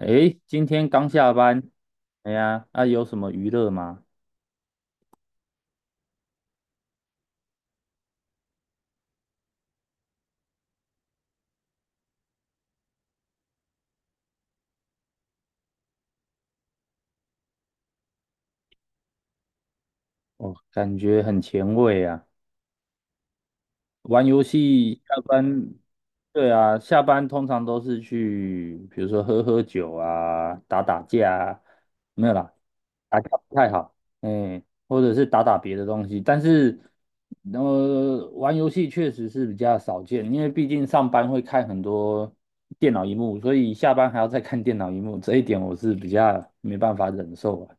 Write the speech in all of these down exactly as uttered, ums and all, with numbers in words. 诶，今天刚下班，哎呀，那有什么娱乐吗？哦，感觉很前卫啊。玩游戏下班，对啊，下班通常都是去，比如说喝喝酒啊，打打架啊，没有啦，打架不太好，哎，或者是打打别的东西。但是，呃，玩游戏确实是比较少见，因为毕竟上班会看很多电脑荧幕，所以下班还要再看电脑荧幕，这一点我是比较没办法忍受啊。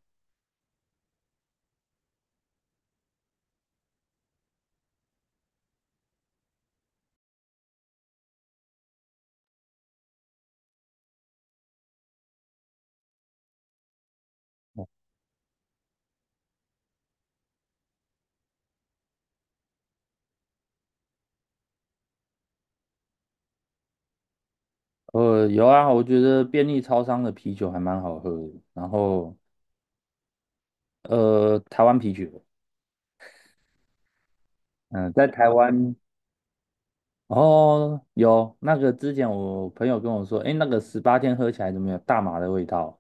呃，有啊，我觉得便利超商的啤酒还蛮好喝的，然后呃，台湾啤酒。嗯，在台湾哦，有那个之前我朋友跟我说，哎，那个十八天喝起来怎么有大麻的味道？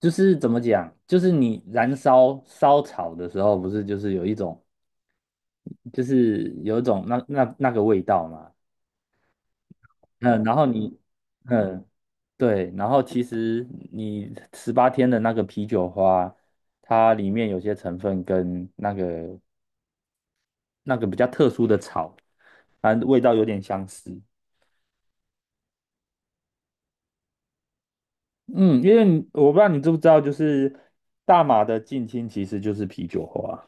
就是怎么讲，就是你燃烧烧草的时候，不是就是有一种，就是有一种那那那个味道嘛。嗯，然后你，嗯，对，然后其实你十八天的那个啤酒花，它里面有些成分跟那个那个比较特殊的草，反正味道有点相似。嗯，因为你我不知道你知不知道，就是大马的近亲其实就是啤酒花，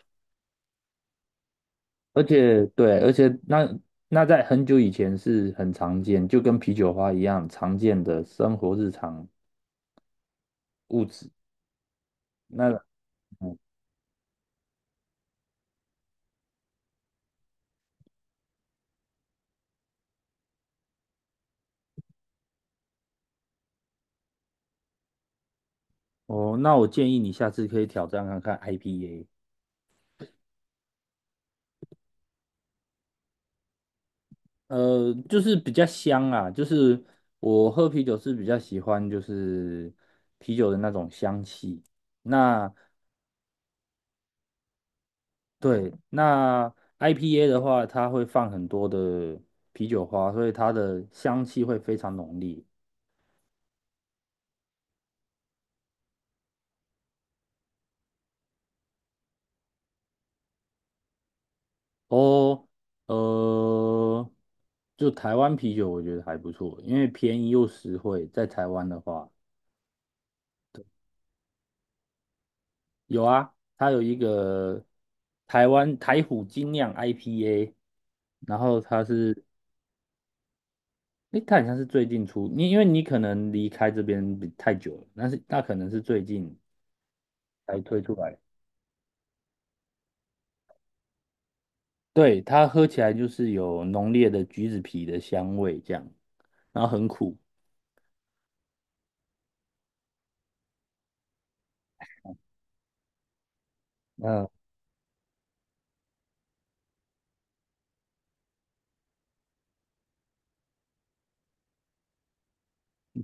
而且对，而且那那在很久以前是很常见，就跟啤酒花一样常见的生活日常物质。那嗯哦，那我建议你下次可以挑战看看 I P A，呃，就是比较香啊，就是我喝啤酒是比较喜欢就是啤酒的那种香气。那对，那 I P A 的话，它会放很多的啤酒花，所以它的香气会非常浓烈。哦，呃，就台湾啤酒，我觉得还不错，因为便宜又实惠。在台湾的话，有啊，它有一个台湾台虎精酿 I P A，然后它是，诶，它好像是最近出，你因为你可能离开这边比太久了，但是那可能是最近才推出来。对，它喝起来就是有浓烈的橘子皮的香味，这样，然后很苦。嗯，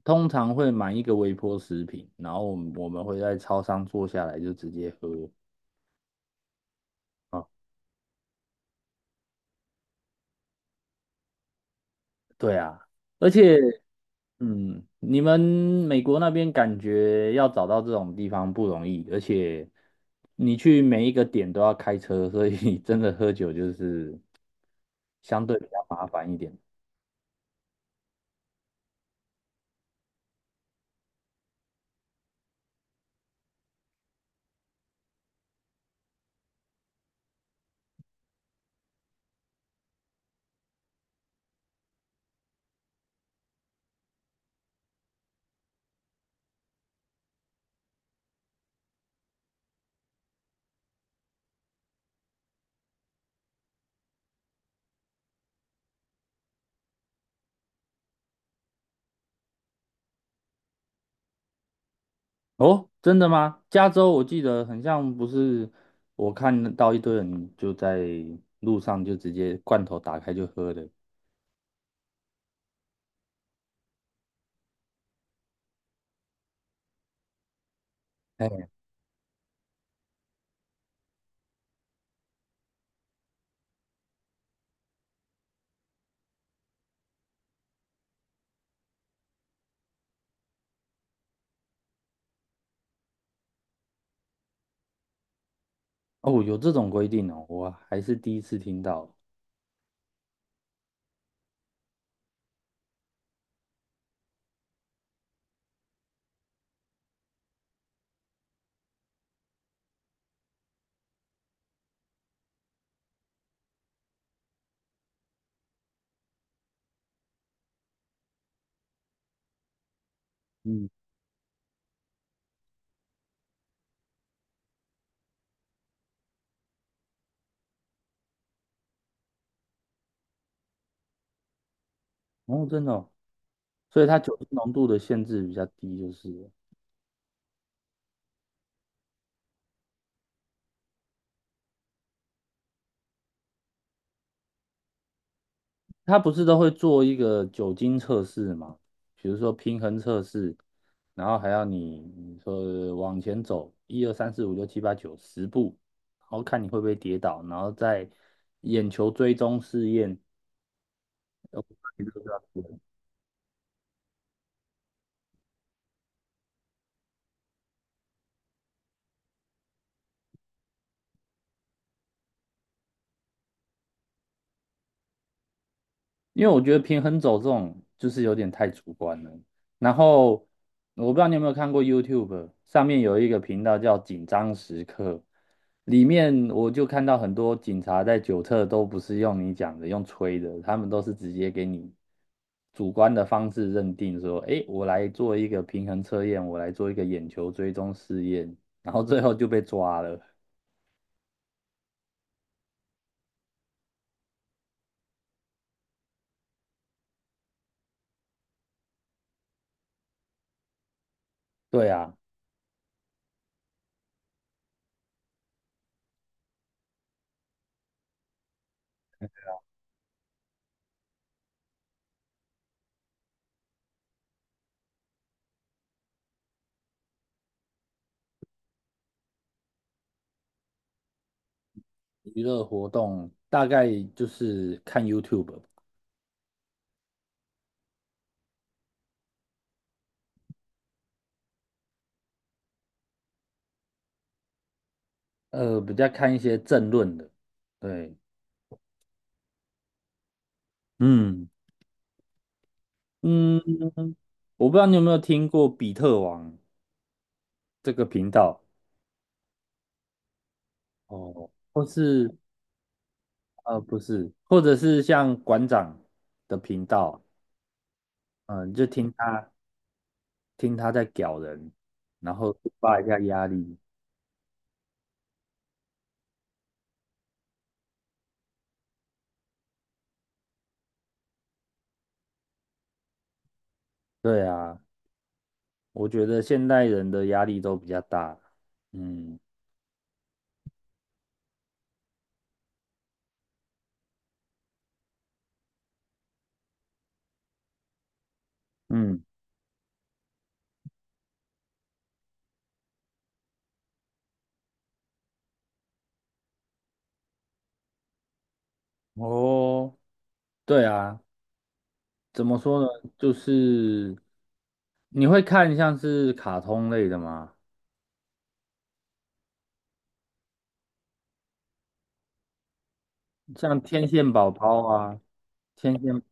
通常会买一个微波食品，然后我们我们会在超商坐下来就直接喝。对啊，而且，嗯，你们美国那边感觉要找到这种地方不容易，而且你去每一个点都要开车，所以 真的喝酒就是相对比较麻烦一点。哦，真的吗？加州我记得很像不是，我看到一堆人就在路上就直接罐头打开就喝的。哎，哦，有这种规定哦，我还是第一次听到。嗯，哦，真的哦，所以它酒精浓度的限制比较低，就是了。他不是都会做一个酒精测试吗？比如说平衡测试，然后还要你你说往前走一二三四五六七八九十步，然后看你会不会跌倒，然后再眼球追踪试验。因为我觉得平衡走这种就是有点太主观了。然后我不知道你有没有看过 YouTube 上面有一个频道叫“紧张时刻”，里面我就看到很多警察在酒测都不是用你讲的，用吹的，他们都是直接给你主观的方式认定说，诶，我来做一个平衡测验，我来做一个眼球追踪试验，然后最后就被抓了。对啊，娱乐活动大概就是看 YouTube 吧。呃，比较看一些政论的，对，嗯嗯，我不知道你有没有听过比特王这个频道。哦，或是呃不是，或者是像馆长的频道，嗯、就听他听他在屌人，然后抒发一下压力。对啊，我觉得现代人的压力都比较大。嗯嗯，哦，对啊，怎么说呢？就是你会看像是卡通类的吗？像天线宝宝啊，天线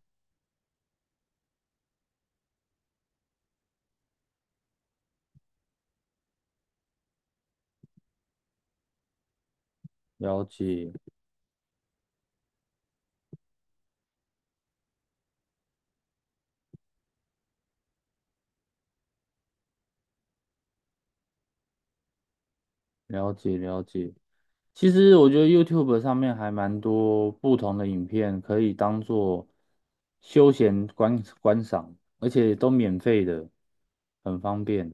了解了解了解。其实我觉得 YouTube 上面还蛮多不同的影片可以当做休闲观观赏，而且都免费的，很方便。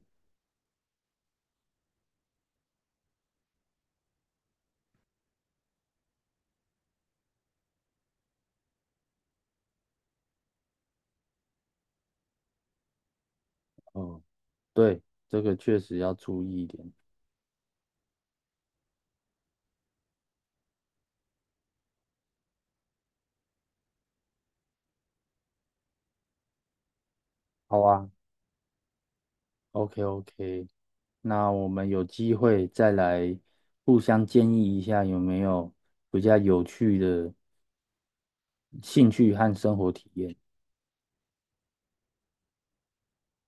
哦，对，这个确实要注意一点。好啊，OK OK，那我们有机会再来互相建议一下有没有比较有趣的兴趣和生活体验。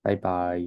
拜拜。